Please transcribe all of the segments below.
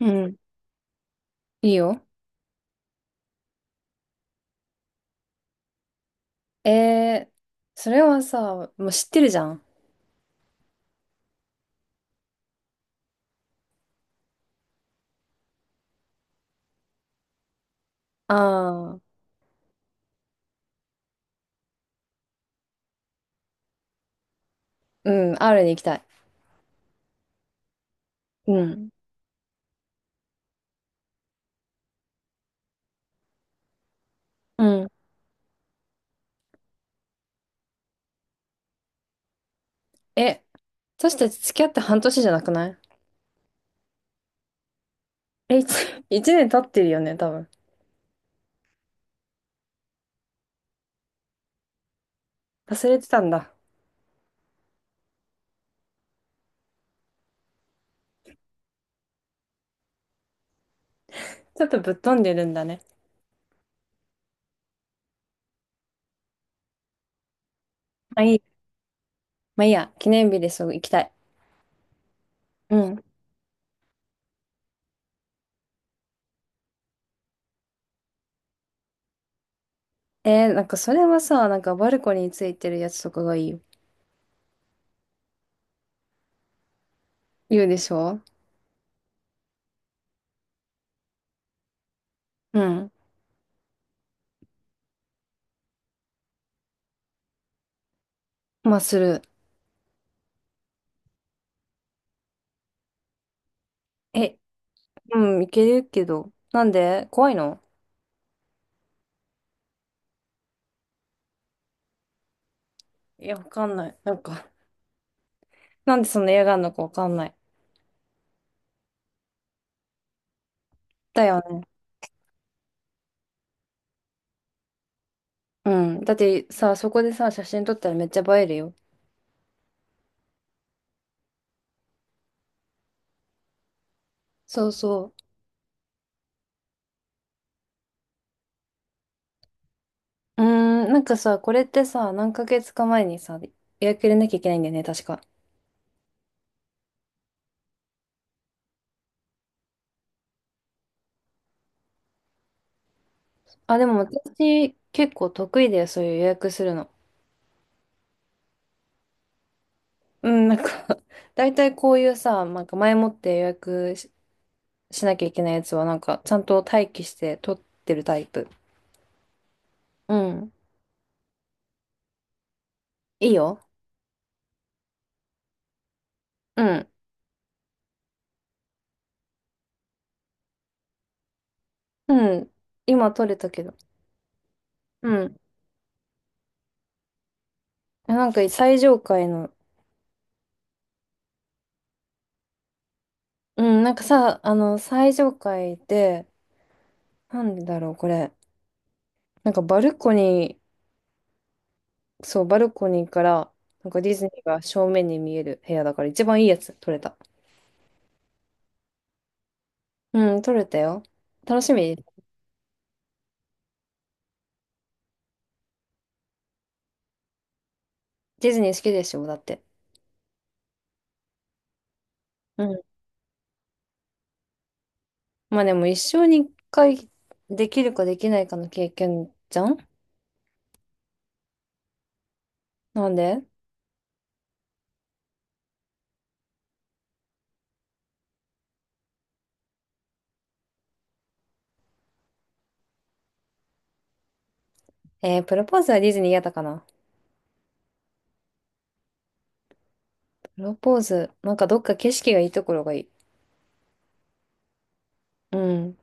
うん。いいよ。えー、それはさ、もう知ってるじゃん。ああ、うん、R に行きたい。うん。うん。え、私たち付き合って半年じゃなくない？え、一年 経ってるよね、多分。忘れてたんだ。ちょっとぶっ飛んでるんだね。まあいい。まあいいや、記念日でそう行きたい。うん。なんかそれはさ、なんかバルコニーについてるやつとかがいいよ。言うでしょ？うん。まあする。え、うん、いけるけど。なんで怖いの？いや、わかんない。なんかなんでそんな嫌がんのかわかんない。だよね。うん。だってさ、そこでさ、写真撮ったらめっちゃ映えるよ。そうそう。うーん、なんかさ、これってさ、何ヶ月か前にさ、予約入れなきゃいけないんだよね、確か。あ、でも私、結構得意だよ、そういう予約するの。うん、なんか 大体こういうさ、なんか前もって予約しなきゃいけないやつは、なんか、ちゃんと待機して撮ってるタイプ。うん。いいよ。うん。うん。今撮れたけど。うん。なんか最上階の。うん、なんかさ、最上階で、なんでだろう、これ。なんかバルコニー、そう、バルコニーから、なんかディズニーが正面に見える部屋だから、一番いいやつ、撮れた。うん、撮れたよ。楽しみ。ディズニー好きでしょ、だって。うん。まあでも、一生に一回できるかできないかの経験じゃん？なんで？プロポーズはディズニー嫌だかな。プロポーズ、なんかどっか景色がいいところがいい。うん。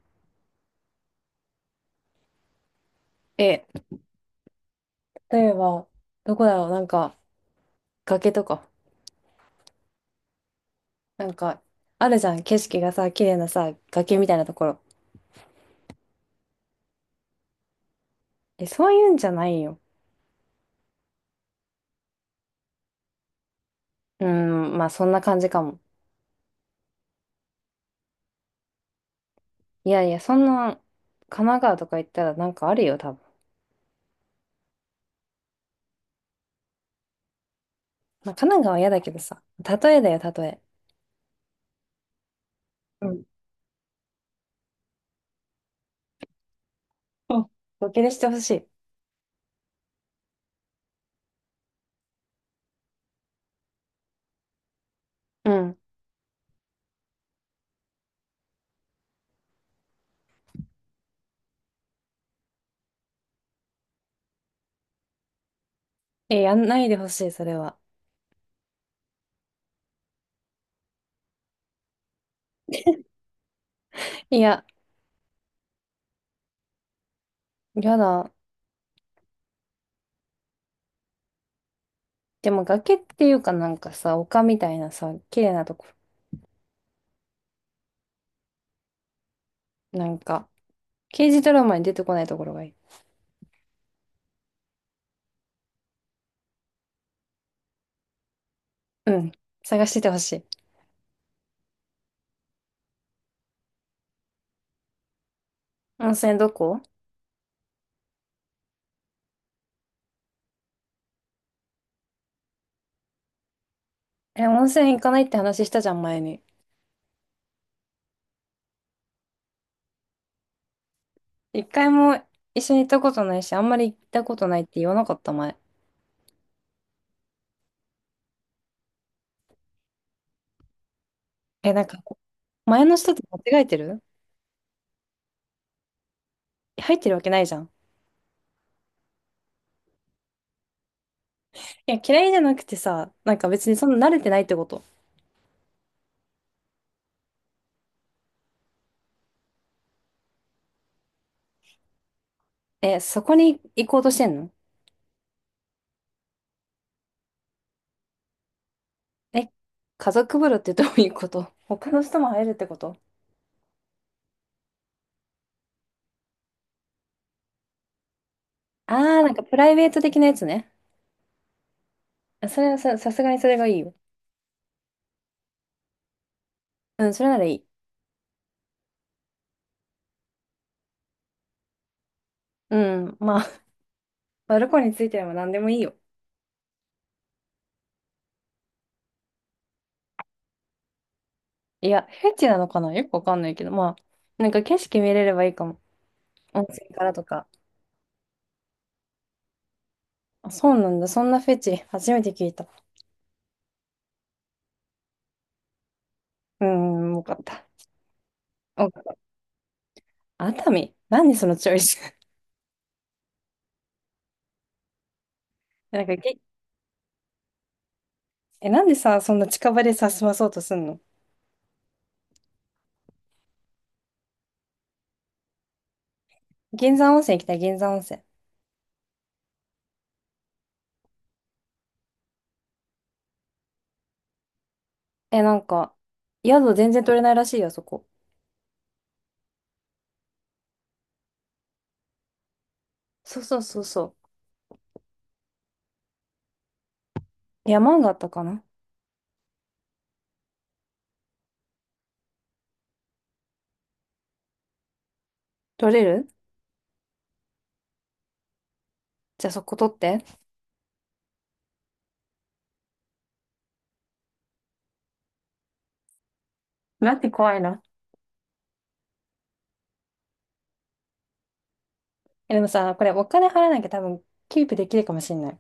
え、例えば、どこだろう、なんか、崖とか。なんか、あるじゃん。景色がさ、綺麗なさ、崖みたいなところ。え、そういうんじゃないよ。うーん、まあそんな感じかも。いやいや、そんな、神奈川とか行ったらなんかあるよ、多分。まあ神奈川は嫌だけどさ。例えだよ、例え。うん。あ、ボケでしてほしい。うん。え、やんないでほしい、それは。いや、やだ。でも崖っていうかなんかさ、丘みたいなさ、綺麗なとこ。なんか、刑事ドラマに出てこないところがいい。うん。探しててほしい。温泉どこ？え、温泉行かないって話したじゃん、前に。一回も一緒に行ったことないし、あんまり行ったことないって言わなかった、前。え、なんか、前の人と間違えてる？入ってるわけないじゃん。いや、嫌いじゃなくてさ、なんか別にそんな慣れてないってこと。え、そこに行こうとしてんの？え、家族風呂ってどういうこと？他の人も入るってこと？あー、なんかプライベート的なやつね。あそれはさ、さすがにそれがいいよ。うん、それならいい。うん、まあ、バルコニーについてな何でもいいよ。いや、フェチなのかなよくわかんないけど、まあ、なんか景色見れればいいかも。温泉からとか。あ、そうなんだ。そんなフェチ、初めて聞いた。うーん、よかった。よかった。熱海何そのチョイス？ なんかげ、え、なんでさ、そんな近場でさ、済まそうとすんの？銀山温泉行きたい、銀山温泉。え、なんか、宿全然取れないらしいよ、そこ。そうそうそうそう。山があったかな？取れる？じゃあそこ取って。なんて怖いな。え、でもさ、これお金払わなきゃ多分、キープできるかもしんない。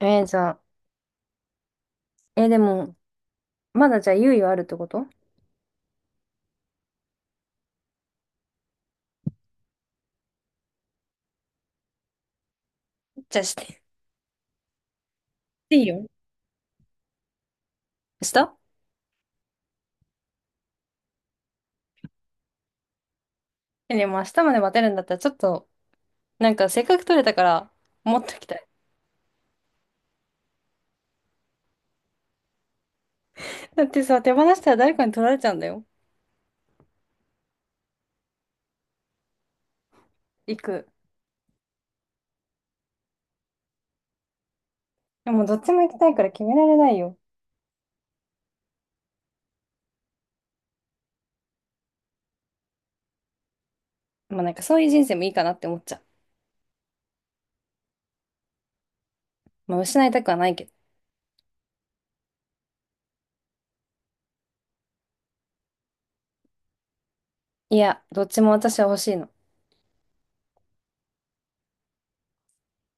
じゃあ、え、でも、まだじゃあ猶予あるってこと？じゃあして。いいよ。した？え、でも明日まで待てるんだったら、ちょっと、なんかせっかく取れたから、持っときたい。だってさ、手放したら誰かに取られちゃうんだよ。行く。でもどっちも行きたいから決められないよ。まあなんかそういう人生もいいかなって思っちゃう。まあ失いたくはないけど。いや、どっちも私は欲しいの。